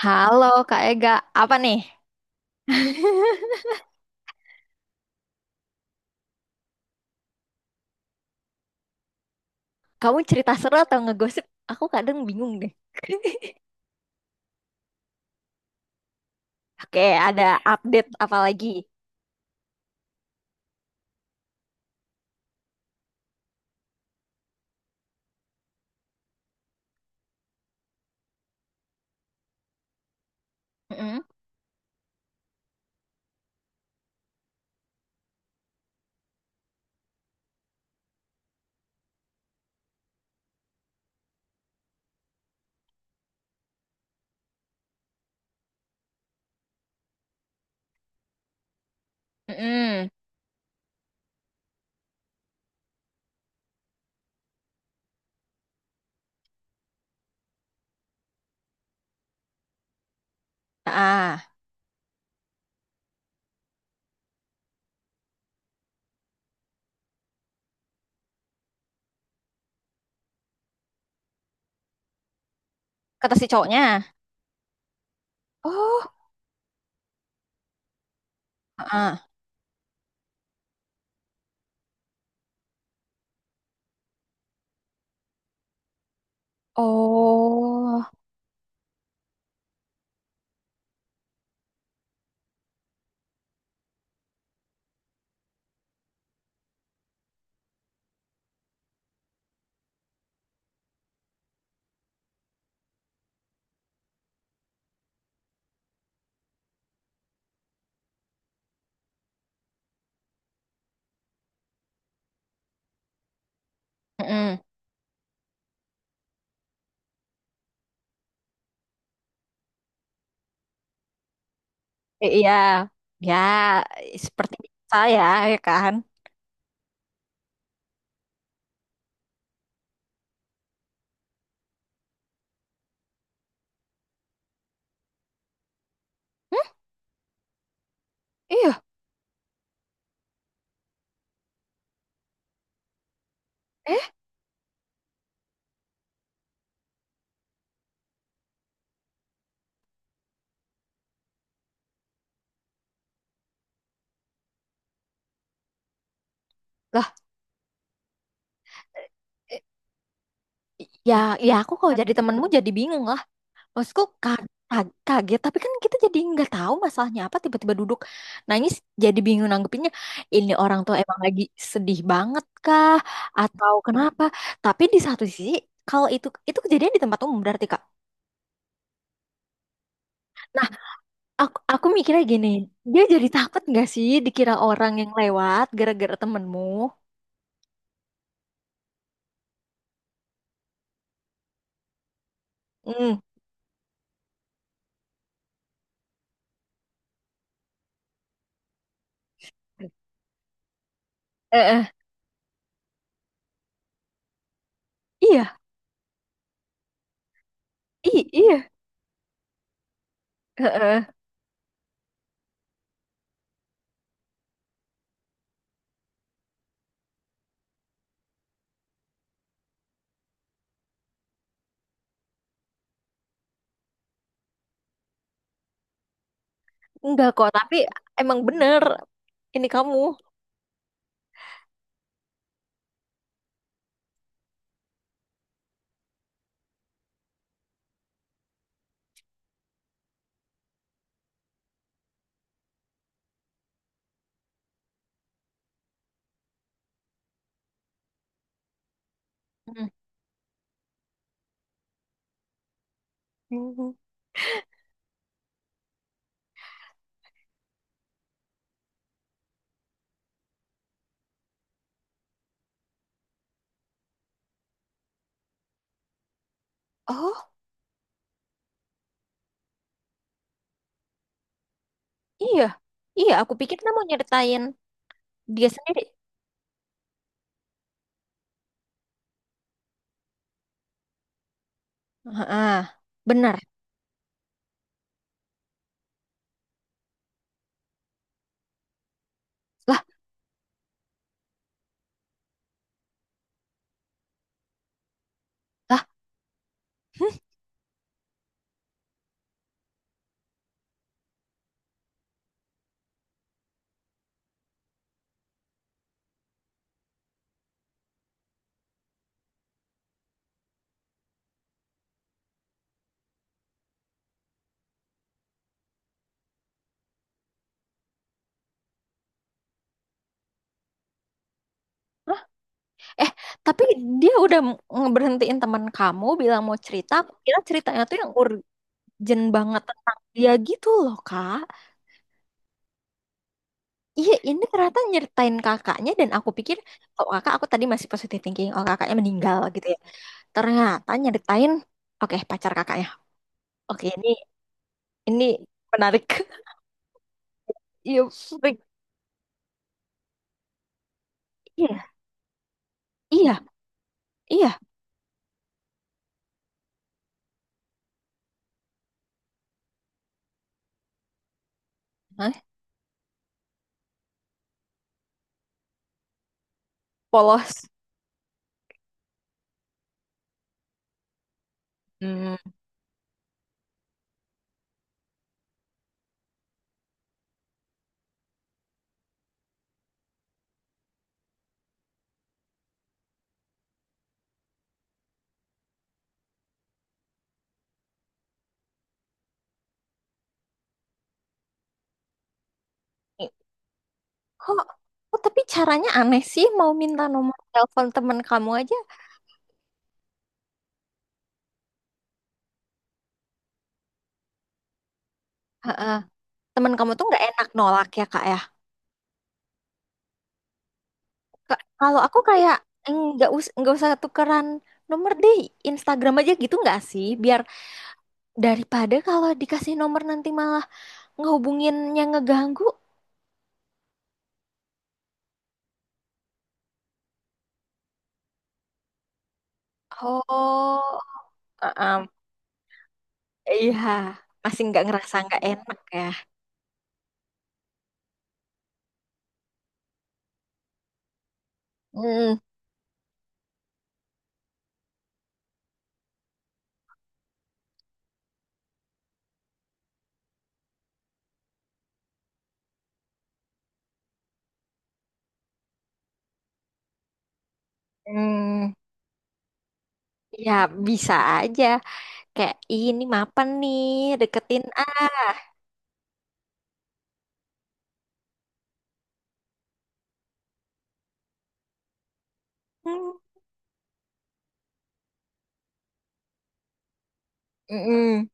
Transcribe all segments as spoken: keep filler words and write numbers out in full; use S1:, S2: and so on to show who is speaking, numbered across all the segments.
S1: Halo Kak Ega, apa nih? Kamu cerita seru atau ngegosip? Aku kadang bingung deh. Oke, ada update apa lagi? Mm-mm. Mm-mm. Ah, kata si cowoknya. Oh, ah. Oh, mm-mm. I- iya, ya seperti saya ya kan? Hmm, iya, eh lah, eh, ya, ya aku kalau jadi temenmu jadi bingung lah. Maksudku ka- ka- kaget, tapi kan kita jadi nggak tahu masalahnya apa, tiba-tiba duduk nangis, jadi bingung nanggepinnya. Ini orang tuh emang lagi sedih banget kah? Atau kenapa? Tapi di satu sisi, kalau itu itu kejadian di tempat umum berarti Kak. Nah, aku aku mikirnya gini, dia jadi takut nggak sih dikira orang yang lewat gara-gara temenmu? Hmm. Eh, eh. Iya, iya, iya. Eh, eh. Enggak kok, tapi emang bener. Ini kamu. Hmm. Hmm. Oh. Iya, iya. Aku pikir dia mau nyeritain dia sendiri. Ah, benar. Lah, lah. Hmm. Lah. Eh, tapi dia udah m- ngeberhentiin teman kamu bilang mau cerita. Aku kira ceritanya tuh yang urgent banget tentang dia gitu loh, Kak. Iya, ini ternyata nyeritain kakaknya dan aku pikir, oh kakak, aku tadi masih positive thinking, oh kakaknya meninggal gitu ya. Ternyata nyeritain, oke pacar kakaknya. Oke, ini ini menarik. Iya, freak. Iya, iya, iya. Hah? Polos. Hmm. Kok, kok tapi caranya aneh sih mau minta nomor telepon teman kamu aja. Heeh. Teman kamu tuh nggak enak nolak ya kak ya. Ka- Kalau aku kayak nggak us nggak usah tukeran nomor deh Instagram aja gitu nggak sih? Biar daripada kalau dikasih nomor nanti malah ngehubunginnya ngeganggu. Oh, heeh. Iya, masih nggak ngerasa nggak enak ya. Hmm, hmm. Ya bisa aja. Kayak "Ih, ini mapan nih, deketin ah." Mm-mm.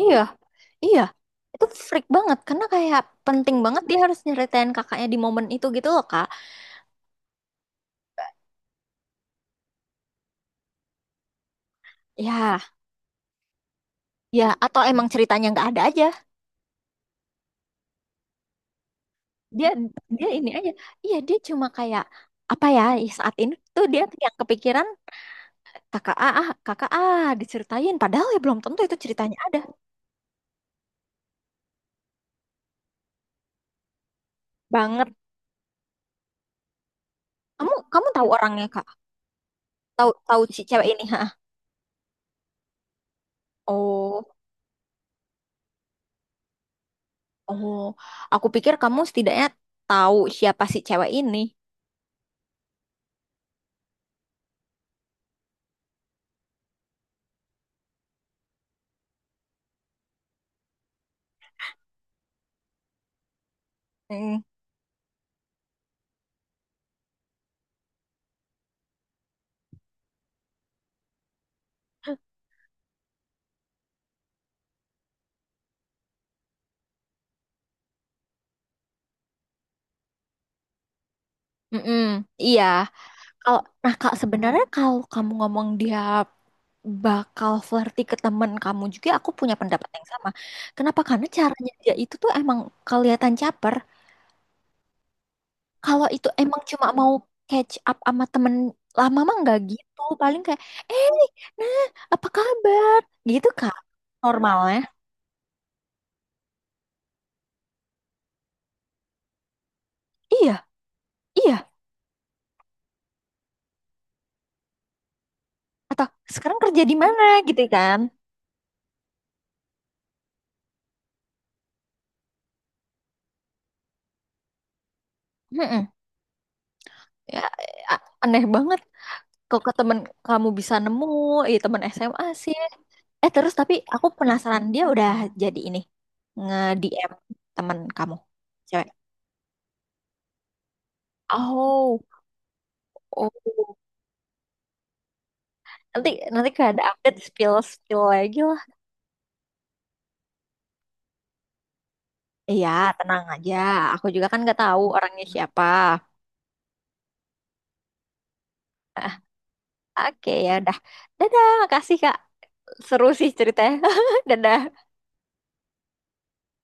S1: Iya, iya. Itu freak banget karena kayak penting banget dia harus nyeritain kakaknya di momen itu gitu loh, Kak. Ya, ya atau emang ceritanya nggak ada aja. Dia dia ini aja. Iya, dia cuma kayak apa ya, ih, saat ini tuh dia yang kepikiran kakak A, ah, kakak A diceritain padahal ya belum tentu itu ceritanya ada. Banget. Kamu kamu tahu orangnya, Kak? Tahu tahu si cewek ini, ha? Oh. Oh, aku pikir kamu setidaknya tahu siapa si cewek ini. Mm. Mm-mm, iya. Kalau nah kak sebenarnya kalau kamu ngomong dia bakal flirty ke temen kamu juga, aku punya pendapat yang sama. Kenapa? Karena caranya dia itu tuh emang kelihatan caper. Kalau itu emang cuma mau catch up sama temen lama mah nggak gitu. Paling kayak, eh, nah, apa kabar? Gitu kak. Normalnya. Iya, iya. Atau sekarang kerja di mana gitu kan? Mm-mm. Ya, a- aneh banget kok ke temen kamu bisa nemu, eh temen S M A sih. Eh terus tapi aku penasaran dia udah jadi ini nge-D M temen kamu, cewek. Oh, oh. Nanti nanti kalau ada update spill spill lagi lah. Iya, tenang aja. Aku juga kan nggak tahu orangnya siapa. Oke ya, dah. Dadah, makasih Kak. Seru sih ceritanya. Dadah.